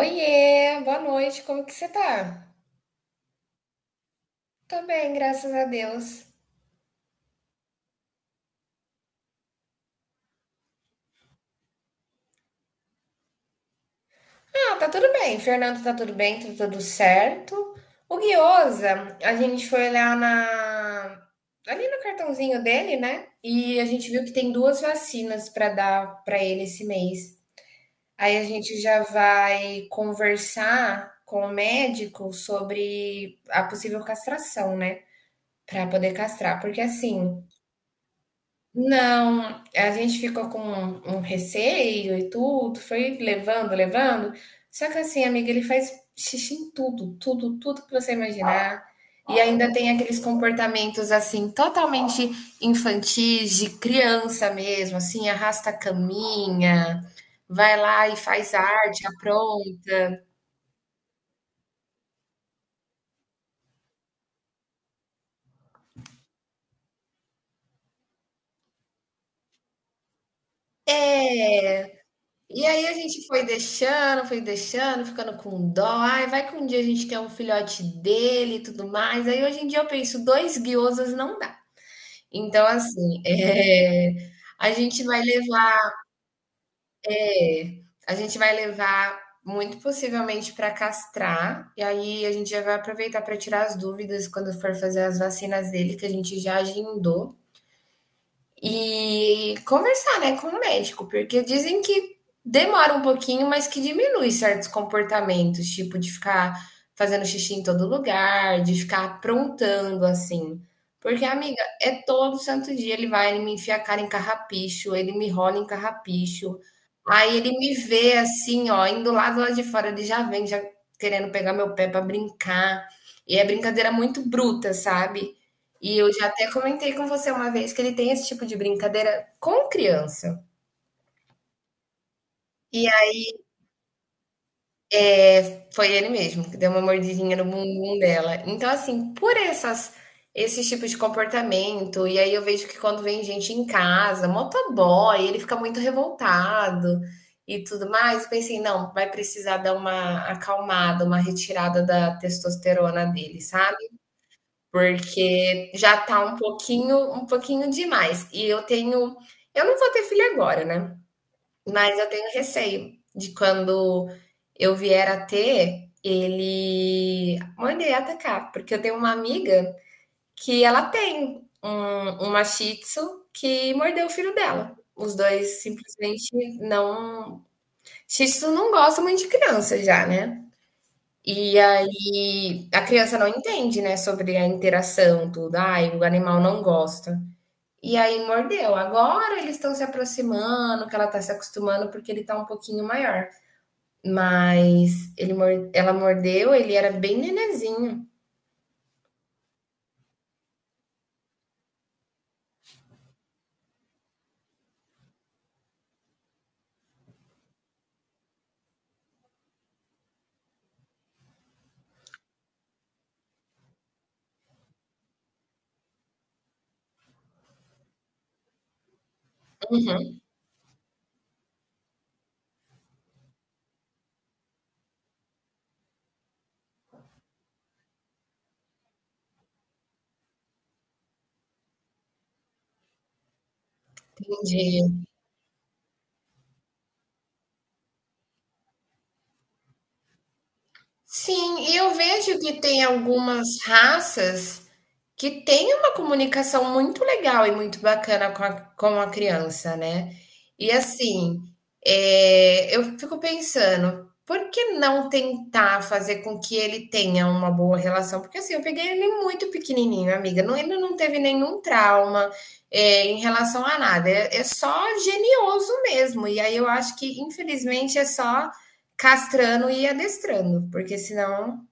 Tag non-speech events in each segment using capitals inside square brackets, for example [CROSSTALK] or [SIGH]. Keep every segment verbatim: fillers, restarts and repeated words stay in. Oiê, boa noite, como que você tá? Tô bem, graças a Deus. Ah, tá tudo bem, Fernando tá tudo bem, tá tudo certo. O Guiosa, a gente foi olhar na... ali no cartãozinho dele, né? E a gente viu que tem duas vacinas pra dar pra ele esse mês. Aí a gente já vai conversar com o médico sobre a possível castração, né? Pra poder castrar, porque assim. Não, a gente ficou com um um receio e tudo, foi levando, levando. Só que assim, amiga, ele faz xixi em tudo, tudo, tudo que você imaginar. E ainda tem aqueles comportamentos assim, totalmente infantis, de criança mesmo, assim, arrasta a caminha, vai lá e faz arte, apronta. É. E aí a gente foi deixando, foi deixando, ficando com dó. Ai, vai que um dia a gente quer um filhote dele e tudo mais. Aí hoje em dia eu penso, dois guiosas não dá. Então, assim, [LAUGHS] é, a gente vai levar, é, a gente vai levar muito possivelmente para castrar. E aí a gente já vai aproveitar para tirar as dúvidas quando for fazer as vacinas dele, que a gente já agendou. E conversar, né, com o médico, porque dizem que demora um pouquinho, mas que diminui certos comportamentos, tipo de ficar fazendo xixi em todo lugar, de ficar aprontando assim. Porque, amiga, é todo santo dia ele vai, ele me enfia a cara em carrapicho, ele me rola em carrapicho. Aí ele me vê assim, ó, indo lá do lado de fora, ele já vem, já querendo pegar meu pé pra brincar. E é brincadeira muito bruta, sabe? E eu já até comentei com você uma vez que ele tem esse tipo de brincadeira com criança. E aí foi ele mesmo que deu uma mordidinha no bumbum dela. Então, assim, por essas esses tipos de comportamento, e aí eu vejo que quando vem gente em casa, motoboy, ele fica muito revoltado e tudo mais. Eu pensei, não, vai precisar dar uma acalmada, uma retirada da testosterona dele, sabe? Porque já tá um pouquinho, um pouquinho demais. E eu tenho, eu não vou ter filho agora, né? Mas eu tenho receio de quando eu vier a ter, ele manda ele atacar, porque eu tenho uma amiga que ela tem um, uma Shih Tzu que mordeu o filho dela. Os dois simplesmente não. Shih Tzu não gosta muito de criança já, né? E aí a criança não entende, né, sobre a interação, tudo. Ai, o animal não gosta. E aí mordeu. Agora eles estão se aproximando, que ela tá se acostumando porque ele tá um pouquinho maior. Mas ele, mor- ela mordeu, ele era bem nenenzinho. Entendi. Sim, e eu vejo que tem algumas raças que tem uma comunicação muito legal e muito bacana com a, com a criança, né? E assim, é, eu fico pensando, por que não tentar fazer com que ele tenha uma boa relação? Porque assim, eu peguei ele muito pequenininho, amiga, não, ele não teve nenhum trauma é, em relação a nada, é, é só genioso mesmo. E aí eu acho que, infelizmente, é só castrando e adestrando, porque senão.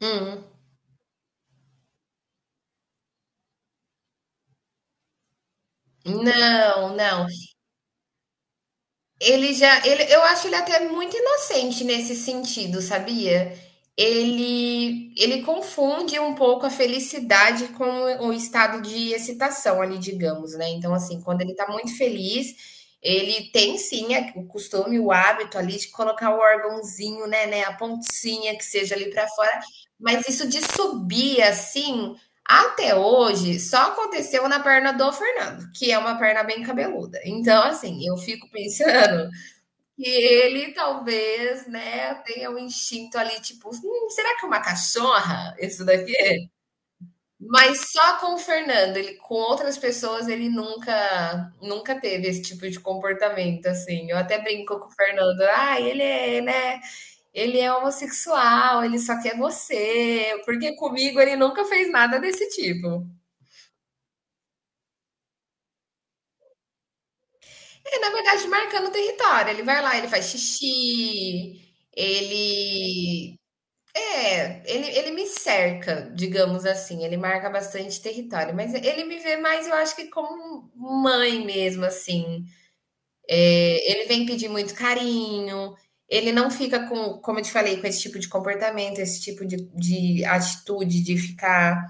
Hum. Não, não. Ele já, ele, eu acho ele até muito inocente nesse sentido, sabia? Ele, ele confunde um pouco a felicidade com o estado de excitação ali, digamos, né? Então, assim, quando ele tá muito feliz, ele tem sim a- o costume, o hábito ali de colocar o órgãozinho, né, né, a pontinha que seja ali pra fora, mas isso de subir assim, até hoje, só aconteceu na perna do Fernando, que é uma perna bem cabeluda. Então, assim, eu fico pensando [LAUGHS] que ele talvez, né, tenha um instinto ali, tipo, "Hum, será que é uma cachorra isso daqui? Mas só com o Fernando, ele com outras pessoas, ele nunca nunca teve esse tipo de comportamento, assim. Eu até brinco com o Fernando, ah, ele é, né, ele é homossexual, ele só quer você, porque comigo ele nunca fez nada desse tipo. É, na verdade, marcando o território. Ele vai lá, ele faz xixi, ele. É, ele, ele me cerca, digamos assim. Ele marca bastante território. Mas ele me vê mais, eu acho que como mãe mesmo, assim. É, ele vem pedir muito carinho. Ele não fica com, como eu te falei, com esse tipo de comportamento, esse tipo de, de atitude de ficar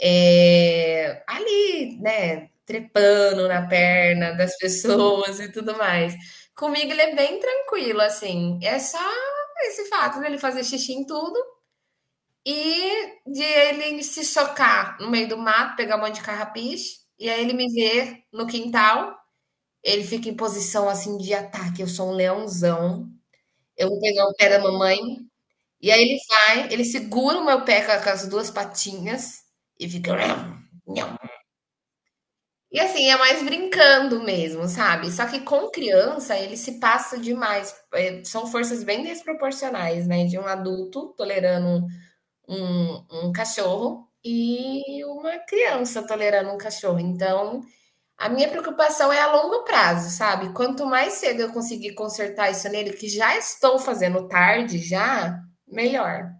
é, ali, né, trepando na perna das [LAUGHS] pessoas e tudo mais. Comigo ele é bem tranquilo, assim. É só esse fato dele fazer xixi em tudo e de ele se socar no meio do mato, pegar um monte de carrapiche, e aí ele me vê no quintal, ele fica em posição assim de ataque. Eu sou um leãozão. Eu vou pegar o pé da mamãe. E aí ele vai, ele segura o meu pé com com as duas patinhas e fica. [SNIFFS] E assim, é mais brincando mesmo, sabe. Só que com criança ele se passa demais, eh, são forças bem desproporcionais, né, de um adulto tolerando um um cachorro e uma criança tolerando um cachorro. Então, a minha preocupação é a longo prazo, sabe. Quanto mais cedo eu conseguir consertar isso nele, que já estou fazendo tarde já, melhor.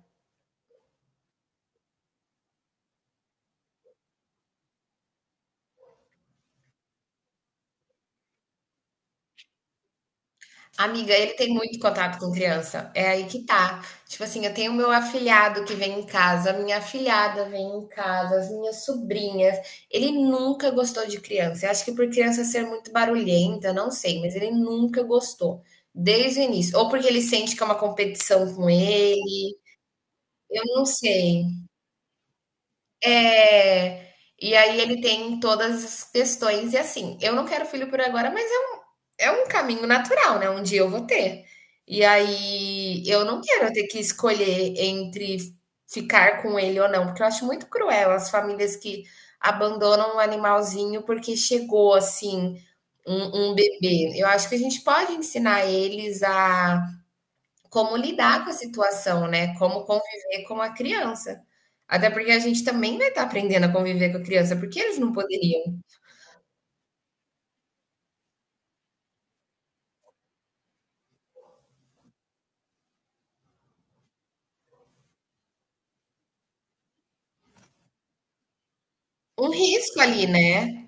Amiga, ele tem muito contato com criança. É aí que tá. Tipo assim, eu tenho o meu afilhado que vem em casa, a minha afilhada vem em casa, as minhas sobrinhas. Ele nunca gostou de criança. Eu acho que por criança ser muito barulhenta, eu não sei, mas ele nunca gostou. Desde o início. Ou porque ele sente que é uma competição com ele. Eu não sei. É. E aí ele tem todas as questões. E assim, eu não quero filho por agora, mas é um caminho natural, né, um dia eu vou ter. E aí eu não quero ter que escolher entre ficar com ele ou não, porque eu acho muito cruel as famílias que abandonam um animalzinho porque chegou, assim, um um bebê. Eu acho que a gente pode ensinar eles a como lidar com a situação, né, como conviver com a criança. Até porque a gente também vai estar aprendendo a conviver com a criança, porque eles não poderiam. Um risco ali, né.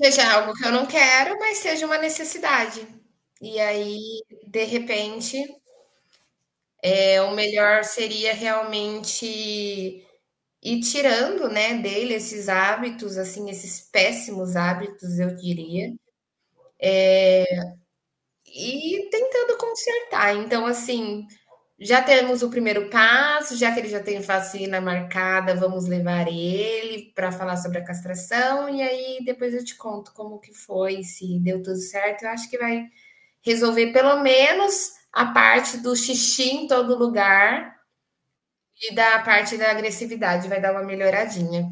Seja algo que eu não quero, mas seja uma necessidade. E aí, de repente, é, o melhor seria realmente ir tirando, né, dele esses hábitos, assim, esses péssimos hábitos, eu diria, e tentando consertar. Então, assim, já temos o primeiro passo, já que ele já tem vacina marcada, vamos levar ele para falar sobre a castração, e aí depois eu te conto como que foi, se deu tudo certo. Eu acho que vai resolver pelo menos a parte do xixi em todo lugar e da parte da agressividade, vai dar uma melhoradinha.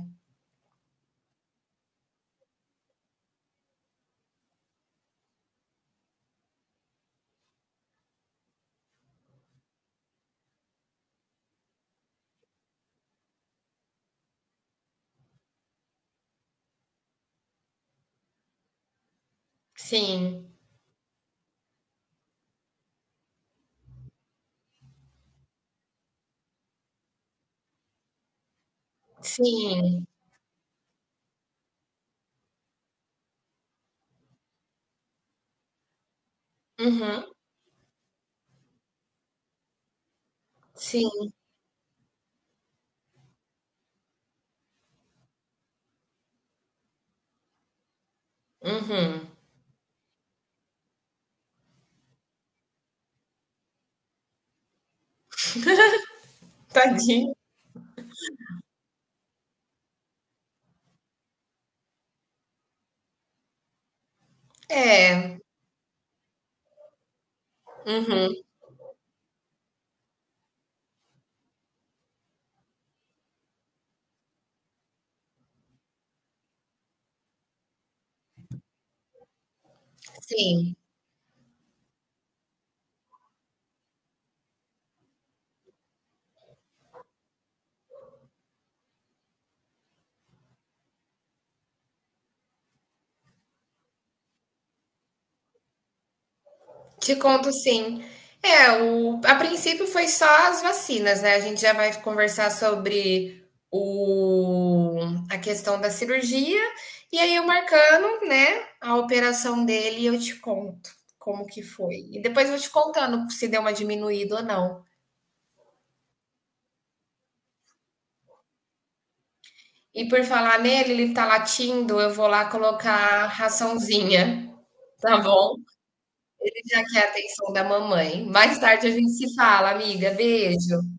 Sim, sim, uhum, sim, uhum. Tadinho. É, uhum, sim. Te conto sim. É, o, a princípio foi só as vacinas, né? A gente já vai conversar sobre o, a questão da cirurgia. E aí, eu marcando, né, a operação dele, e eu te conto como que foi. E depois eu vou te contando se deu uma diminuída ou não. E por falar nele, ele tá latindo, eu vou lá colocar raçãozinha, tá bom? Já que é a atenção da mamãe. Mais tarde a gente se fala, amiga. Beijo.